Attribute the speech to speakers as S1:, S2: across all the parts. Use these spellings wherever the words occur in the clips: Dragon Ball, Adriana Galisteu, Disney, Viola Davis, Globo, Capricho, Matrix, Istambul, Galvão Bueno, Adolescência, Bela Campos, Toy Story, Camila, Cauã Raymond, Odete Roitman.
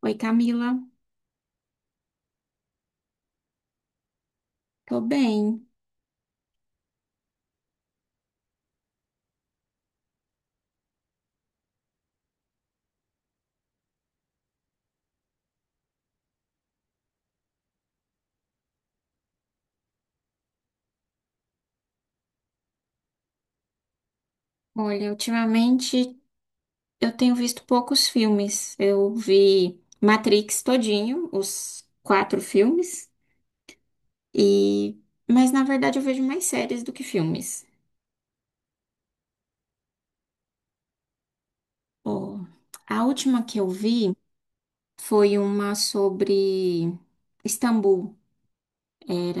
S1: Oi, Camila. Tô bem. Olha, ultimamente eu tenho visto poucos filmes. Eu vi Matrix todinho, os quatro filmes, e mas na verdade eu vejo mais séries do que filmes. Ó, a última que eu vi foi uma sobre Istambul. Era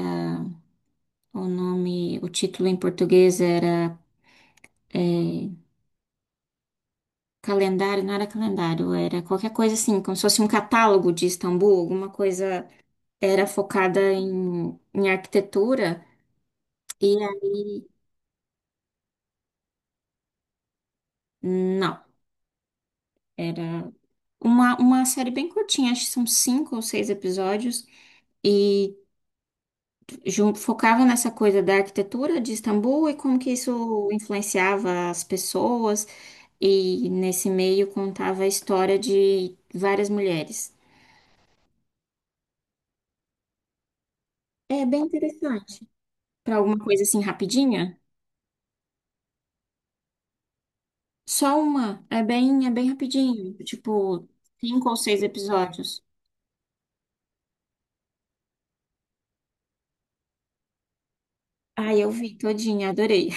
S1: o nome, o título em português era é, calendário, não era calendário, era qualquer coisa assim, como se fosse um catálogo de Istambul, alguma coisa era focada em arquitetura, e aí, não, era uma série bem curtinha, acho que são cinco ou seis episódios, e focava nessa coisa da arquitetura de Istambul e como que isso influenciava as pessoas, e nesse meio contava a história de várias mulheres. É bem interessante. Para alguma coisa assim rapidinha? Só uma. É bem rapidinho, tipo, cinco ou seis episódios. Ai, eu vi todinha, adorei.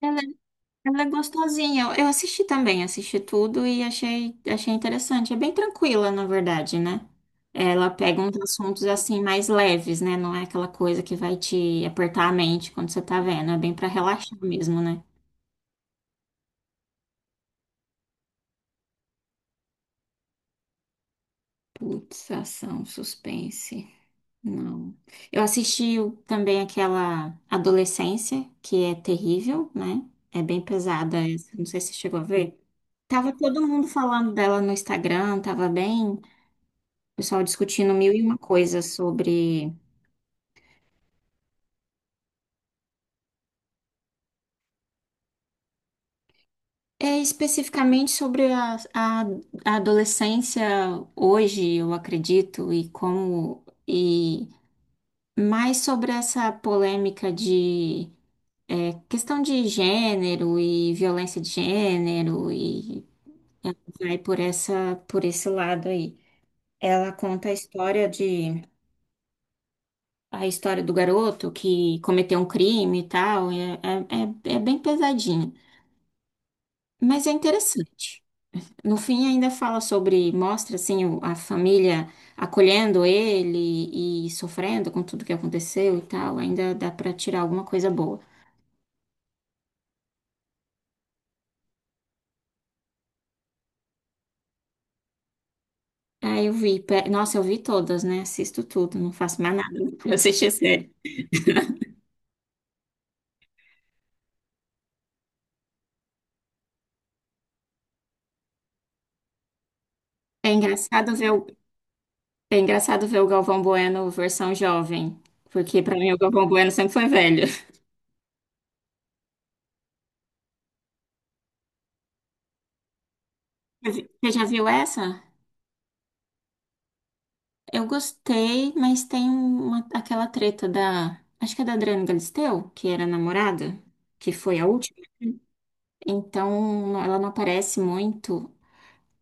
S1: Ela, ela é gostosinha. Eu assisti também, assisti tudo e achei interessante. É bem tranquila, na verdade, né? Ela pega uns assuntos assim mais leves, né? Não é aquela coisa que vai te apertar a mente quando você tá vendo. É bem pra relaxar mesmo, né? Putz, ação, suspense. Não. Também aquela Adolescência, que é terrível, né? É bem pesada essa. Não sei se você chegou a ver. Tava todo mundo falando dela no Instagram, tava bem, o pessoal discutindo mil e uma coisas sobre, especificamente sobre a adolescência hoje, eu acredito, e como, e mais sobre essa polêmica de, questão de gênero e violência de gênero e vai por essa, por esse lado aí. Ela conta a história de A história do garoto que cometeu um crime e tal, é bem pesadinha, mas é interessante. No fim, ainda fala sobre, mostra assim a família acolhendo ele e sofrendo com tudo que aconteceu e tal, ainda dá pra tirar alguma coisa boa. Aí eu vi, pe- nossa, eu vi todas, né? Assisto tudo, não faço mais nada, eu assisti a série. É engraçado ver o, é engraçado ver o Galvão Bueno versão jovem, porque pra mim o Galvão Bueno sempre foi velho. Você já viu essa? Eu gostei, mas tem uma, aquela treta da. Acho que é da Adriana Galisteu, que era a namorada, que foi a última. Então, ela não aparece muito.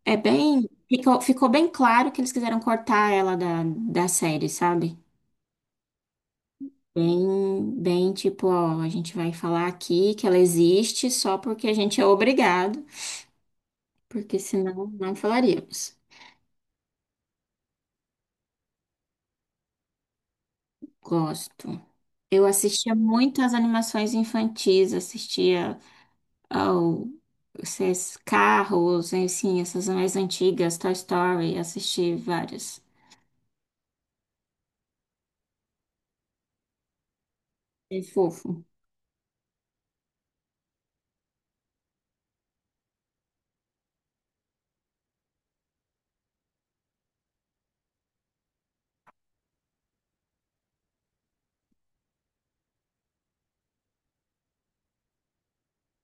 S1: É bem. Ficou bem claro que eles quiseram cortar ela da série, sabe? Bem tipo, ó, a gente vai falar aqui que ela existe só porque a gente é obrigado, porque senão não falaríamos. Gosto. Eu assistia muito às animações infantis, assistia. Ou esses carros, assim, essas mais antigas, Toy Story, assisti várias. É fofo.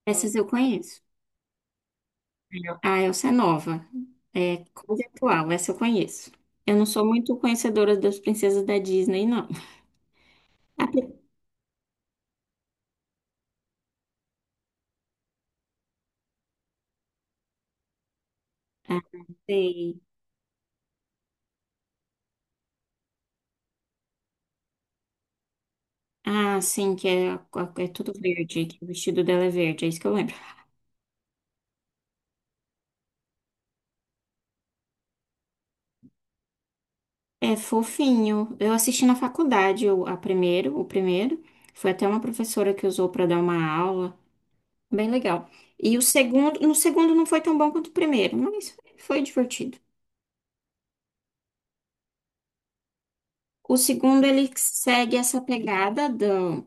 S1: Essas eu conheço. Ah, essa é nova. É conceitual, essa eu conheço. Eu não sou muito conhecedora das princesas da Disney, não. A pri- Ah, sei. Ah, sim, que é, é tudo verde, que o vestido dela é verde, é isso que eu lembro. É fofinho. Eu assisti na faculdade o primeiro. Foi até uma professora que usou para dar uma aula. Bem legal. E o segundo, no segundo não foi tão bom quanto o primeiro, mas foi divertido. O segundo ele segue essa pegada do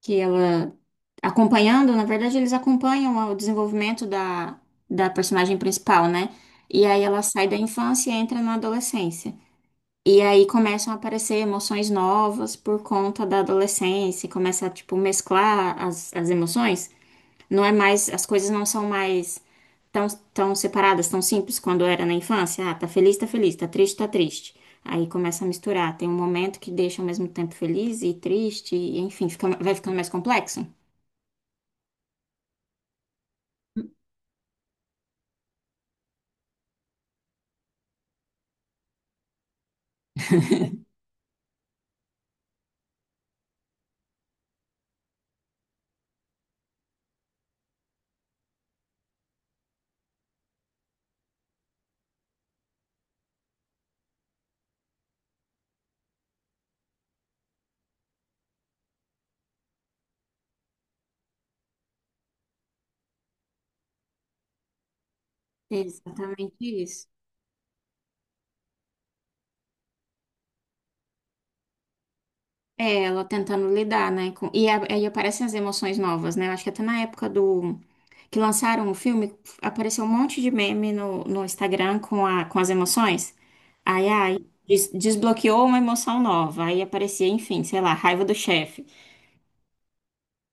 S1: que ela acompanhando, na verdade eles acompanham o desenvolvimento da personagem principal, né? E aí ela sai da infância e entra na adolescência. E aí começam a aparecer emoções novas por conta da adolescência, começa a tipo mesclar as emoções. Não é mais, as coisas não são mais tão, tão separadas, tão simples quando era na infância. Ah, tá feliz, tá feliz, tá triste, tá triste. Aí começa a misturar. Tem um momento que deixa ao mesmo tempo feliz e triste, e, enfim, fica, vai ficando mais complexo. Exatamente isso. É, ela tentando lidar, né? Aí aparecem as emoções novas, né? Eu acho que até na época do que lançaram o filme, apareceu um monte de meme no Instagram com as emoções. Aí, ai, Desbloqueou uma emoção nova. Aí aparecia, enfim, sei lá, raiva do chefe.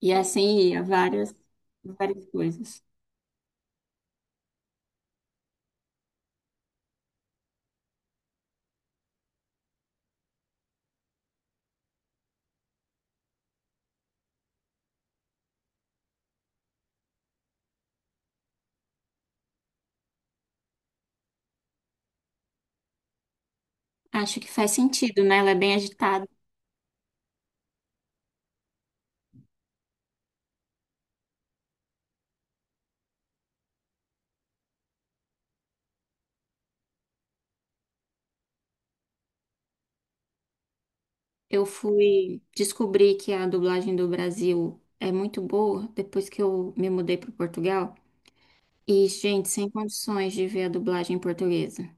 S1: E assim ia, várias coisas. Acho que faz sentido, né? Ela é bem agitada. Eu fui descobrir que a dublagem do Brasil é muito boa depois que eu me mudei para Portugal. E, gente, sem condições de ver a dublagem portuguesa.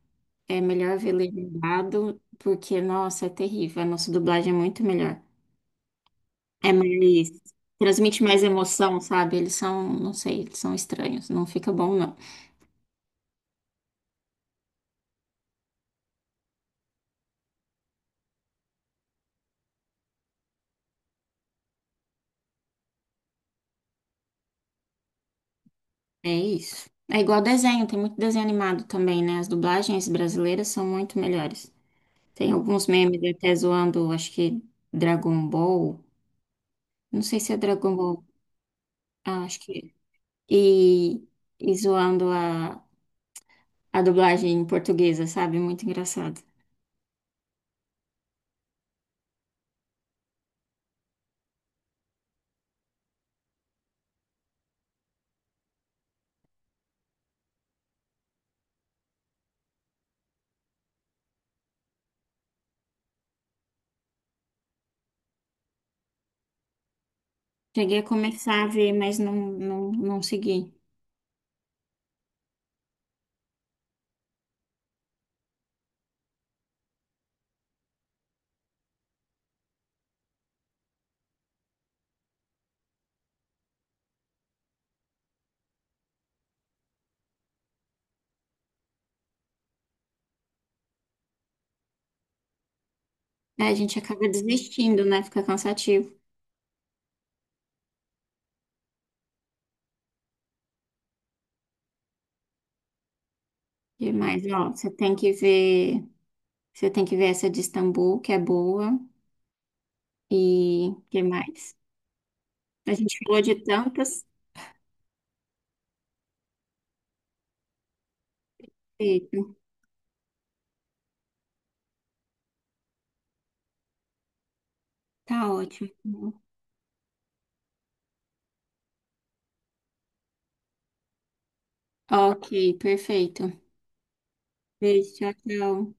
S1: É melhor ver legendado, porque, nossa, é terrível. A nossa dublagem é muito melhor. É mais. Transmite mais emoção, sabe? Eles são, não sei, eles são estranhos. Não fica bom, não. É isso. É igual desenho, tem muito desenho animado também, né? As dublagens brasileiras são muito melhores. Tem alguns memes até zoando, acho que Dragon Ball. Não sei se é Dragon Ball. Ah, acho que. É. E zoando a dublagem portuguesa, sabe? Muito engraçado. Cheguei a começar a ver, mas não segui. Aí a gente acaba desistindo, né? Fica cansativo. E mais, ó, você tem que ver essa de Istambul, que é boa, e que mais? A gente falou de tantas. Perfeito. Tá ótimo. Ok, perfeito. Beijo, tchau, tchau.